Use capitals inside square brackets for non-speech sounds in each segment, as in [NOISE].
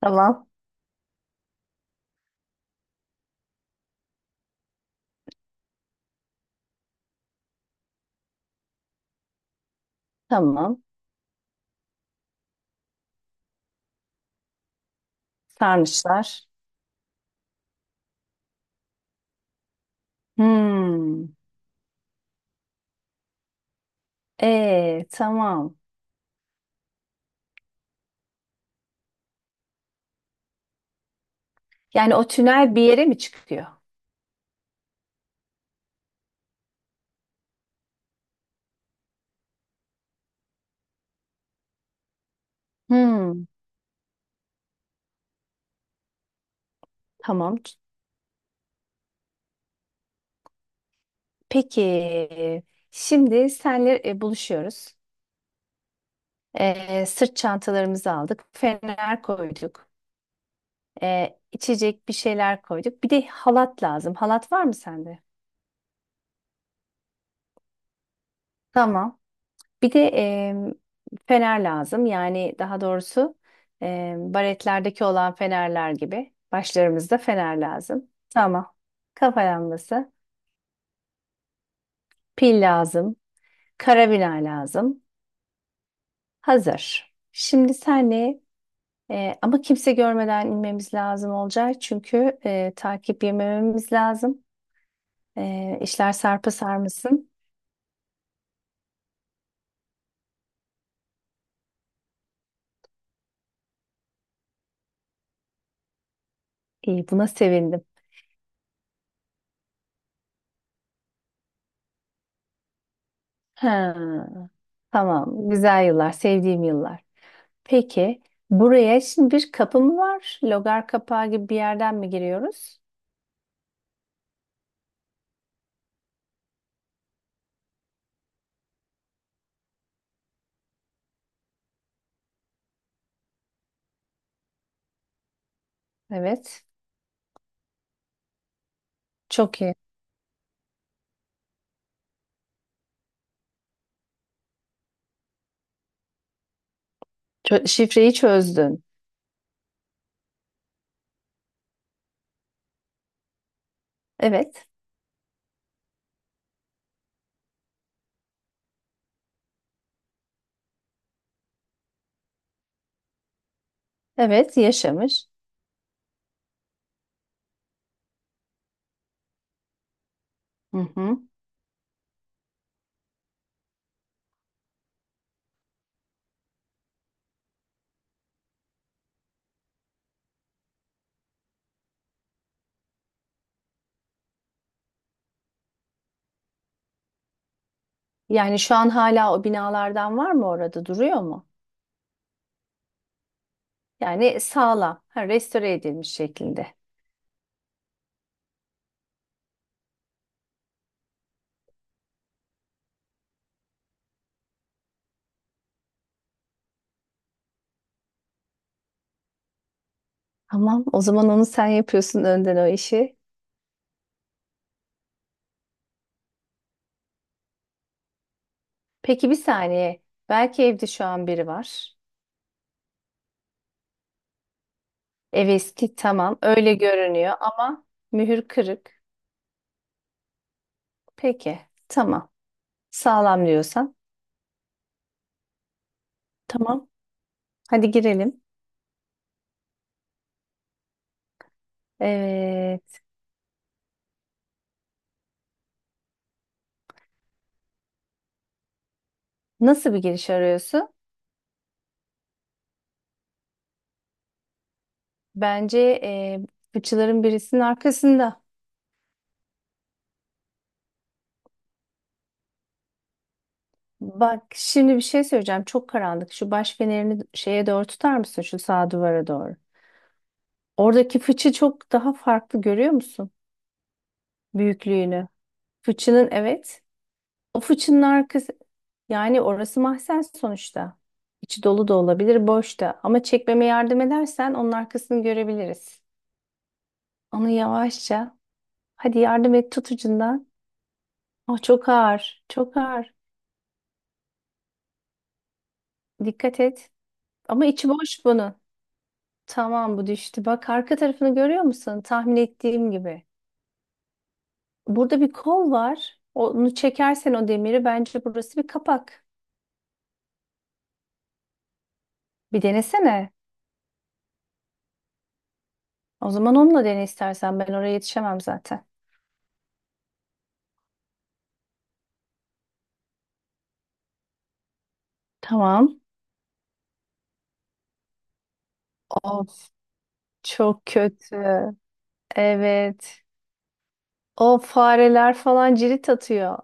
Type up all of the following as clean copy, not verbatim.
Tamam. Tamam. Sarnıçlar. Hmm. Tamam. Yani o tünel bir yere mi çıkıyor? Hmm. Tamam. Peki. Şimdi senle buluşuyoruz. Sırt çantalarımızı aldık. Fener koyduk. İçecek bir şeyler koyduk. Bir de halat lazım. Halat var mı sende? Tamam. Bir de fener lazım. Yani daha doğrusu baretlerdeki olan fenerler gibi. Başlarımızda fener lazım. Tamam. Kafa lambası, pil lazım, karabina lazım. Hazır. Şimdi senle ama kimse görmeden inmemiz lazım olacak. Çünkü takip yemememiz lazım. İşler sarpa sarmasın. İyi, buna sevindim. Ha, tamam. Güzel yıllar, sevdiğim yıllar. Peki buraya şimdi bir kapı mı var? Logar kapağı gibi bir yerden mi giriyoruz? Evet. Çok iyi. Şifreyi çözdün. Evet. Evet, yaşamış. Hı hı. Yani şu an hala o binalardan var mı orada? Duruyor mu? Yani sağlam, ha, restore edilmiş şekilde. Tamam, o zaman onu sen yapıyorsun önden o işi. Peki bir saniye. Belki evde şu an biri var. Ev eski tamam öyle görünüyor ama mühür kırık. Peki tamam. Sağlam diyorsan. Tamam. Hadi girelim. Evet. Nasıl bir giriş arıyorsun? Bence fıçıların birisinin arkasında. Bak şimdi bir şey söyleyeceğim. Çok karanlık. Şu baş fenerini şeye doğru tutar mısın? Şu sağ duvara doğru. Oradaki fıçı çok daha farklı görüyor musun? Büyüklüğünü. Fıçının evet. O fıçının arkası. Yani orası mahzen sonuçta. İçi dolu da olabilir, boş da. Ama çekmeme yardım edersen onun arkasını görebiliriz. Onu yavaşça. Hadi yardım et tut ucundan. Ah, çok ağır. Çok ağır. Dikkat et. Ama içi boş bunun. Tamam bu düştü. Bak arka tarafını görüyor musun? Tahmin ettiğim gibi. Burada bir kol var. Onu çekersen o demiri bence burası bir kapak. Bir denesene. O zaman onunla dene istersen. Ben oraya yetişemem zaten. Tamam. Of çok kötü. Evet. O fareler falan cirit atıyor.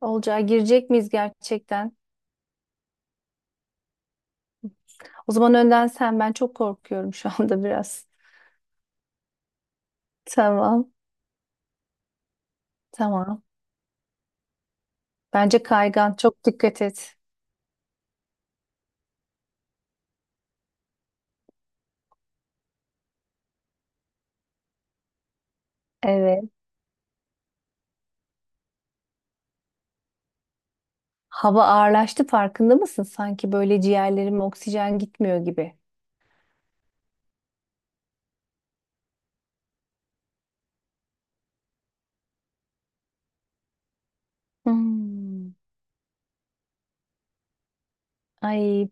Olacağı girecek miyiz gerçekten? O zaman önden sen. Ben çok korkuyorum şu anda biraz. [LAUGHS] Tamam. Tamam. Bence kaygan. Çok dikkat et. Evet. Hava ağırlaştı farkında mısın? Sanki böyle ciğerlerime oksijen gitmiyor gibi. Hmm. Ay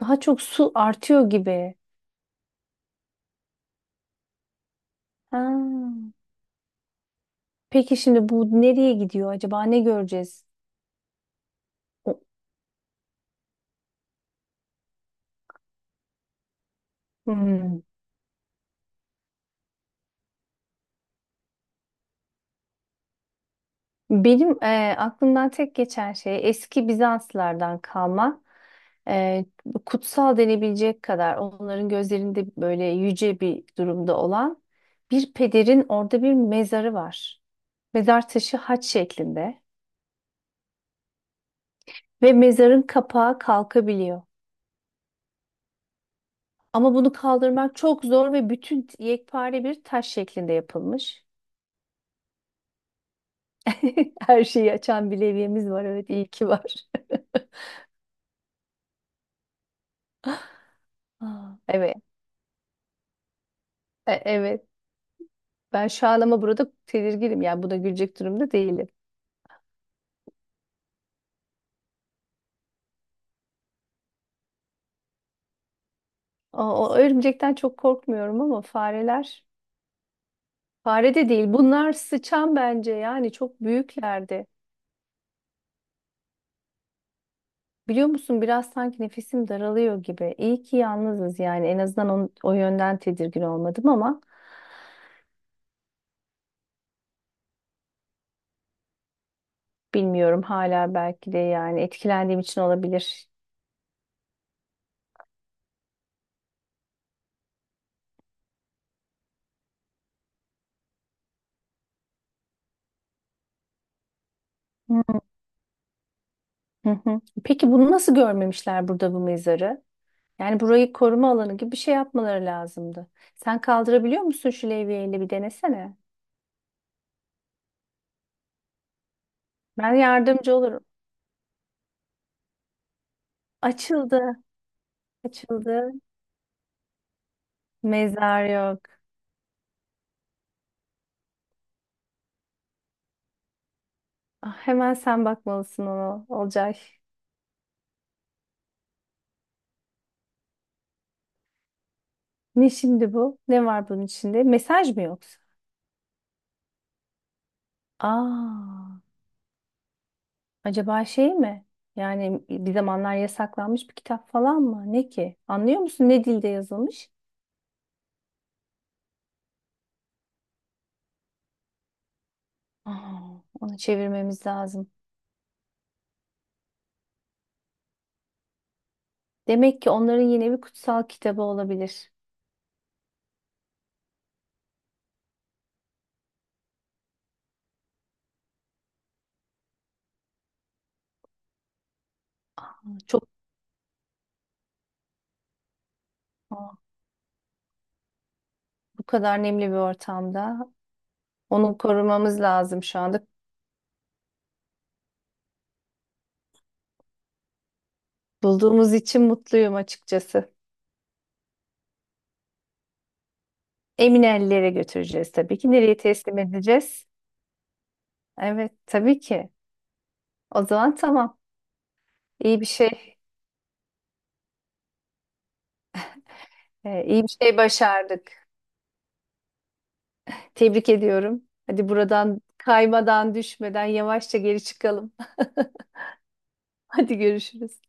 daha çok su artıyor gibi. Ha. Peki şimdi bu nereye gidiyor acaba? Ne göreceğiz? O- Hmm. Benim aklımdan tek geçen şey eski Bizanslardan kalma e, kutsal denebilecek kadar onların gözlerinde böyle yüce bir durumda olan bir pederin orada bir mezarı var. Mezar taşı haç şeklinde. Ve mezarın kapağı kalkabiliyor. Ama bunu kaldırmak çok zor ve bütün yekpare bir taş şeklinde yapılmış. [LAUGHS] Her şeyi açan bir levyemiz var. Evet, iyi ki var. [LAUGHS] Aa, evet, evet. Ben şu an ama burada tedirginim. Yani buna gülecek durumda değilim. O, o örümcekten çok korkmuyorum ama fareler. Fare de değil. Bunlar sıçan bence. Yani çok büyüklerdi. Biliyor musun biraz sanki nefesim daralıyor gibi. İyi ki yalnızız yani. En azından o yönden tedirgin olmadım ama bilmiyorum hala belki de yani etkilendiğim için olabilir. Hı hı hı. Peki bunu nasıl görmemişler burada bu mezarı? Yani burayı koruma alanı gibi bir şey yapmaları lazımdı. Sen kaldırabiliyor musun şu levyeyle bir denesene. Ben yardımcı olurum. Açıldı, açıldı. Mezar yok. Ah, hemen sen bakmalısın ona Olcay. Ne şimdi bu? Ne var bunun içinde? Mesaj mı yoksa? Aa, acaba şey mi? Yani bir zamanlar yasaklanmış bir kitap falan mı? Ne ki? Anlıyor musun ne dilde yazılmış? Aa, onu çevirmemiz lazım. Demek ki onların yine bir kutsal kitabı olabilir. Çok aa, bu kadar nemli bir ortamda onu korumamız lazım şu anda. Bulduğumuz için mutluyum açıkçası. Emin ellere götüreceğiz tabii ki. Nereye teslim edeceğiz? Evet, tabii ki. O zaman tamam. İyi bir şey, iyi bir şey başardık. Tebrik ediyorum. Hadi buradan kaymadan, düşmeden yavaşça geri çıkalım. [LAUGHS] Hadi görüşürüz.